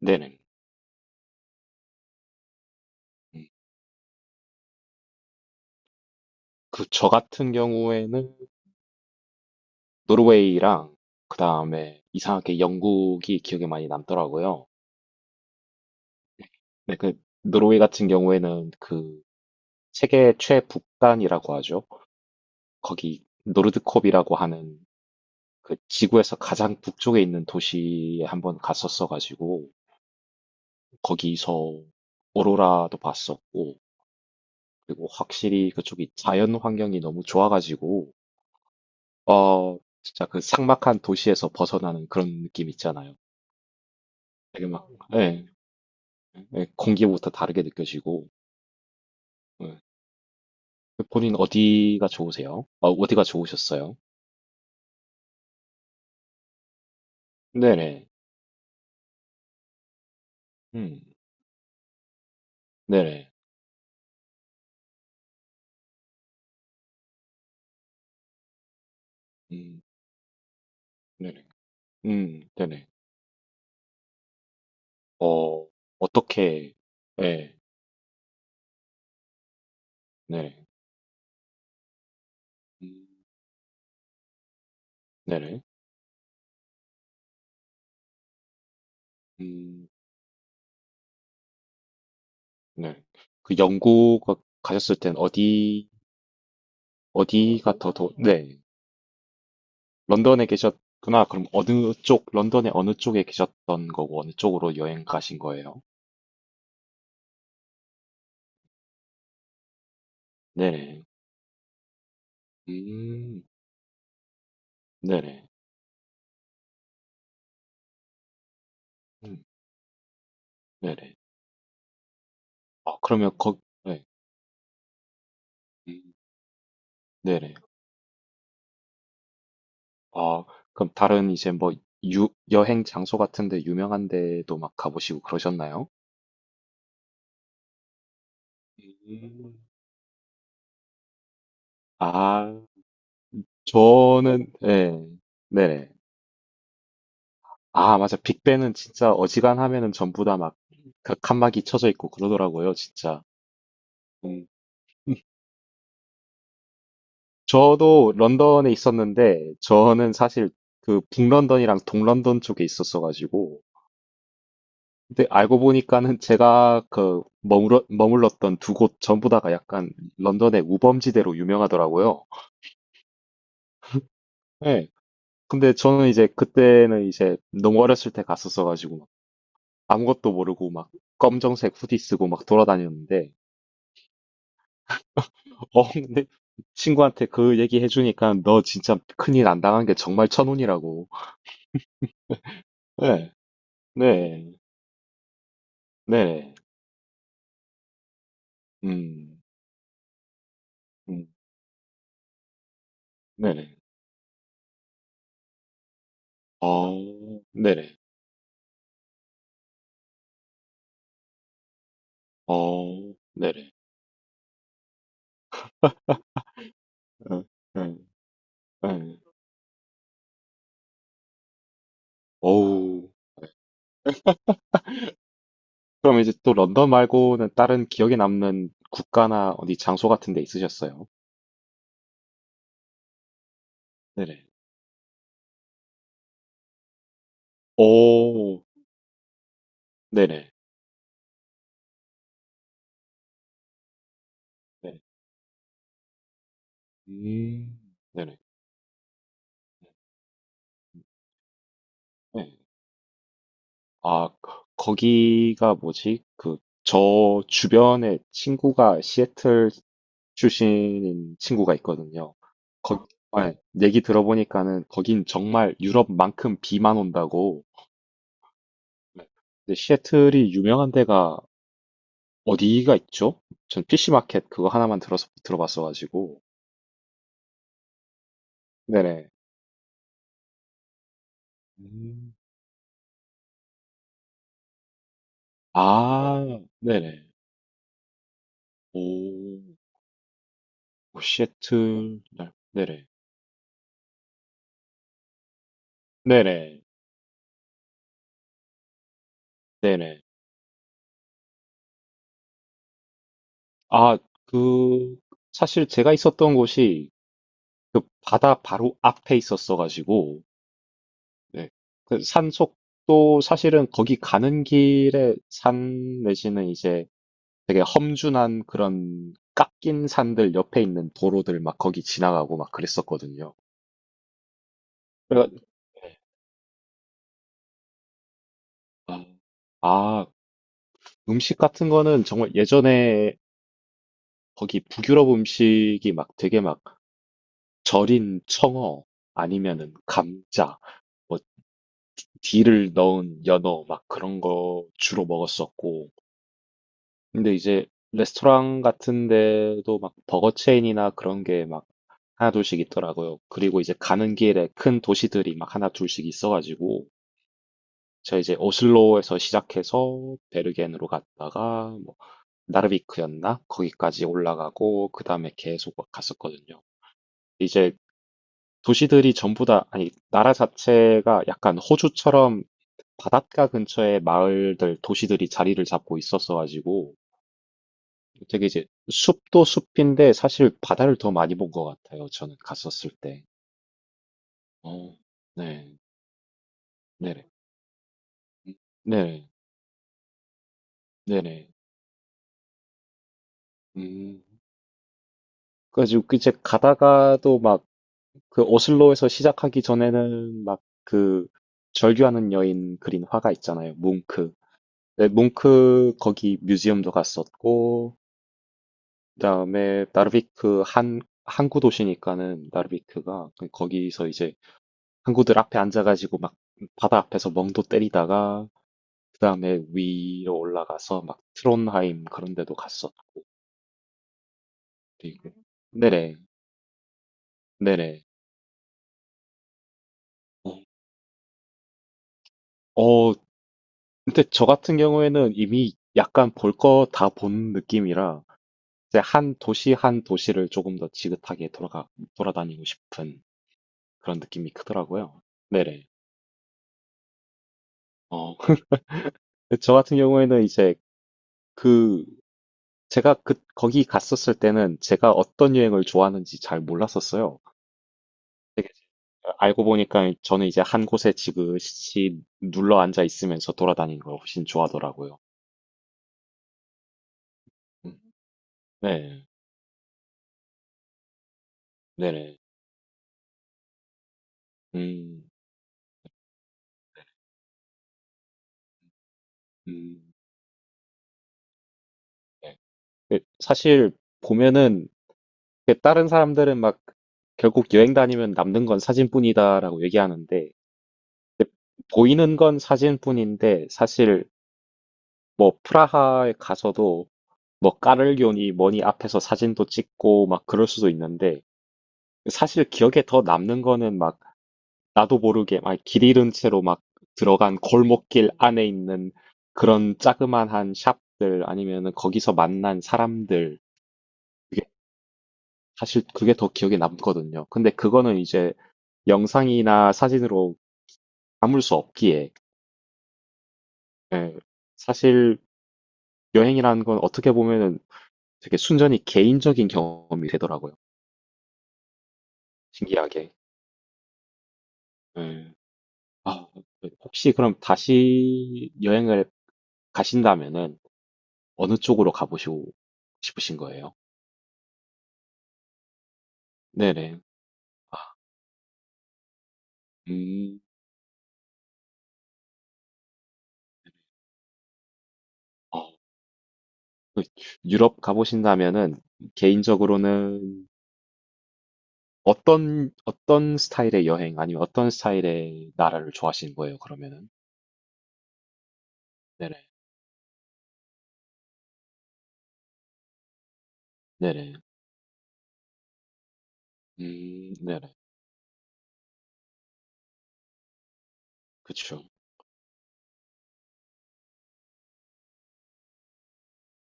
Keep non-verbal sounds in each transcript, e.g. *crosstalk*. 네네. 음. 그 저 같은 경우에는 노르웨이랑 그다음에 이상하게 영국이 기억에 많이 남더라고요. 네, 그 노르웨이 같은 경우에는 그 세계 최북단이라고 하죠. 거기 노르드콥이라고 하는 그 지구에서 가장 북쪽에 있는 도시에 한번 갔었어 가지고 거기서 오로라도 봤었고, 그리고 확실히 그쪽이 자연 환경이 너무 좋아 가지고 진짜 그 삭막한 도시에서 벗어나는 그런 느낌 있잖아요. 되게 막, 예, 예, 공기부터 다르게 느껴지고, 예. 본인 어디가 좋으세요? 어디가 좋으셨어요? 네네, 음, 네네, 음, 네네, 네네, 어, 어떻게, 예, 네네, 음, 네네, 음, 네. 그 영국 가셨을 땐 어디, 어디가 더, 더, 네, 런던에 계셨구나. 그럼 어느 쪽, 런던의 어느 쪽에 계셨던 거고, 어느 쪽으로 여행 가신 거예요? 네네, 음. 네네. 음. 네네. 아, 그러면 거 네. 음. 네네. 아, 그럼 다른 이제 뭐 유 여행 장소 같은 데 유명한 데도 막 가 보시고 그러셨나요? 음. 아, 저는 예. 네네. 아, 맞아. 빅벤은 진짜 어지간하면은 전부 다 막 그 칸막이 쳐져 있고 그러더라고요, 진짜. 음. 음. 저도 런던에 있었는데, 저는 사실 그 북런던이랑 동런던 쪽에 있었어 가지고, 근데 알고 보니까는 제가 그 머물렀던 두 곳 전부 다가 약간 런던의 우범지대로 유명하더라고요. 예. 근데 저는 이제 그때는 이제 너무 어렸을 때 갔었어가지고 막 아무것도 모르고 막 검정색 후디 쓰고 막 돌아다녔는데, 근데 친구한테 그 얘기 해주니까 너 진짜 큰일 안 당한 게 정말 천운이라고. 네, 네, 네, 음, 음, 네네, 어, 네네, 어, 네네, 응, 응, 응. 어우. 그럼 이제 또 런던 말고는 다른 기억에 남는 국가나 어디 장소 같은 데 있으셨어요? 네네. 오, 네네. 네. 음, 네네. 네. 아, 거기가 뭐지? 그, 저 주변에 친구가 시애틀 출신인 친구가 있거든요. 거, 아, 얘기 들어보니까는 거긴 정말 유럽만큼 비만 온다고. 네. 근데 시애틀이 유명한 데가 어디가 있죠? 전 PC 마켓 그거 하나만 들어서 들어봤어가지고. 네네. 음, 아, 네네. 오, 오, 시애틀, 네네. 네네. 네네. 아, 그, 사실 제가 있었던 곳이 그 바다 바로 앞에 있었어가지고, 네. 그 산속도 사실은 거기 가는 길에 산 내지는 이제 되게 험준한 그런 깎인 산들 옆에 있는 도로들 막 거기 지나가고 막 그랬었거든요. 그래가- 아, 아, 음식 같은 거는 정말 예전에 거기 북유럽 음식이 막 되게 막 절인 청어 아니면은 감자, 뭐 딜을 넣은 연어 막 그런 거 주로 먹었었고, 근데 이제 레스토랑 같은 데도 막 버거 체인이나 그런 게 막 하나 둘씩 있더라고요. 그리고 이제 가는 길에 큰 도시들이 막 하나 둘씩 있어가지고 제가 이제 오슬로에서 시작해서 베르겐으로 갔다가 뭐 나르비크였나? 거기까지 올라가고 그 다음에 계속 막 갔었거든요. 이제 도시들이 전부 다, 아니, 나라 자체가 약간 호주처럼 바닷가 근처에 마을들 도시들이 자리를 잡고 있었어가지고 되게 이제 숲도 숲인데 사실 바다를 더 많이 본 것 같아요. 저는 갔었을 때. 어, 네, 네네, 네, 네네. 음, 그래가지고 그 이제 가다가도 막 그 오슬로에서 시작하기 전에는 막 그 절규하는 여인 그린 화가 있잖아요. 뭉크. 네, 뭉크 거기 뮤지엄도 갔었고, 그다음에 나르비크 한 항구 도시니까는 나르비크가 그 거기서 이제 항구들 앞에 앉아가지고 막 바다 앞에서 멍도 때리다가 그 다음에 위로 올라가서 막 트론하임 그런 데도 갔었고. 그리고 네네. 네네. 어 어, 근데 저 같은 경우에는 이미 약간 볼 거 다 본 느낌이라 이제 한 도시 한 도시를 조금 더 지긋하게 돌아가 돌아다니고 싶은 그런 느낌이 크더라고요. 네네. 어, *laughs* 근데 저 같은 경우에는 이제 그 제가 그 거기 갔었을 때는 제가 어떤 여행을 좋아하는지 잘 몰랐었어요. 되게 알고 보니까 저는 이제 한 곳에 지그시 눌러 앉아 있으면서 돌아다니는 걸 훨씬 좋아하더라고요. 음, 네, 네네. 음, 음, 네. 근데 사실 보면은 이렇게 다른 사람들은 막 결국 여행 다니면 남는 건 사진뿐이다라고 얘기하는데, 보이는 건 사진뿐인데 사실 뭐 프라하에 가서도 뭐 까르기교니 뭐니 앞에서 사진도 찍고 막 그럴 수도 있는데 사실 기억에 더 남는 거는 막 나도 모르게 막 길 잃은 채로 막 들어간 골목길 안에 있는 그런 자그마한 샵들 아니면은 거기서 만난 사람들, 그게 사실 그게 더 기억에 남거든요. 근데 그거는 이제 영상이나 사진으로 담을 수 없기에, 예, 사실 여행이라는 건 어떻게 보면은 되게 순전히 개인적인 경험이 되더라고요. 신기하게. 예. 아, 네. 혹시 그럼 다시 여행을 가신다면은 어느 쪽으로 가보시고 싶으신 거예요? 네네. 음, 어, 그 유럽 가보신다면은 개인적으로는 어떤, 어떤 스타일의 여행 아니면 어떤 스타일의 나라를 좋아하시는 거예요, 그러면은? 네네. 네네. 네네. 그쵸.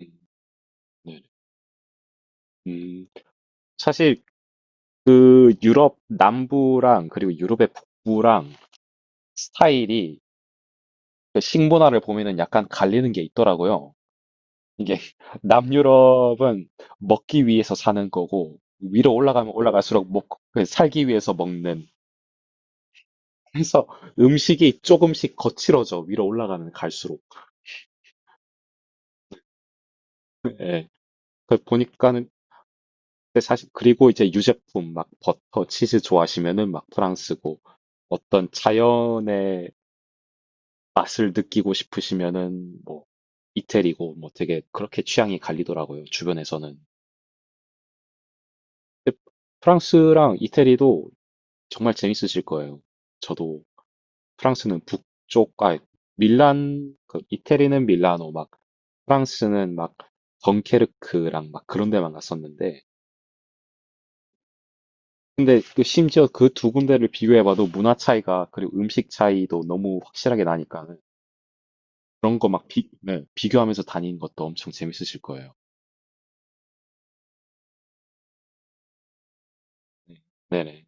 음, 네네. 음, 사실 그 유럽 남부랑 그리고 유럽의 북부랑 스타일이 그 식문화를 보면은 약간 갈리는 게 있더라고요. 이게 *laughs* 남유럽은 먹기 위해서 사는 거고 위로 올라가면 올라갈수록 먹, 그 살기 위해서 먹는, 그래서 음식이 조금씩 거칠어져 위로 올라가면 갈수록. 예. 그 보니까는 근데 사실 그리고 이제 유제품 막 버터, 치즈 좋아하시면은 막 프랑스고 어떤 자연의 맛을 느끼고 싶으시면은 뭐 이태리고 뭐 되게 그렇게 취향이 갈리더라고요. 주변에서는. 근데 프랑스랑 이태리도 정말 재밌으실 거예요. 저도 프랑스는 북쪽, 아, 밀란, 그 이태리는 밀라노, 막 프랑스는 막 덩케르크랑 막 그런 데만 갔었는데, 근데 그 심지어 그 두 군데를 비교해봐도 문화 차이가, 그리고 음식 차이도 너무 확실하게 나니까는 그런 거 막 비, 네, 비교하면서 다니는 것도 엄청 재밌으실 거예요. 네. 네네.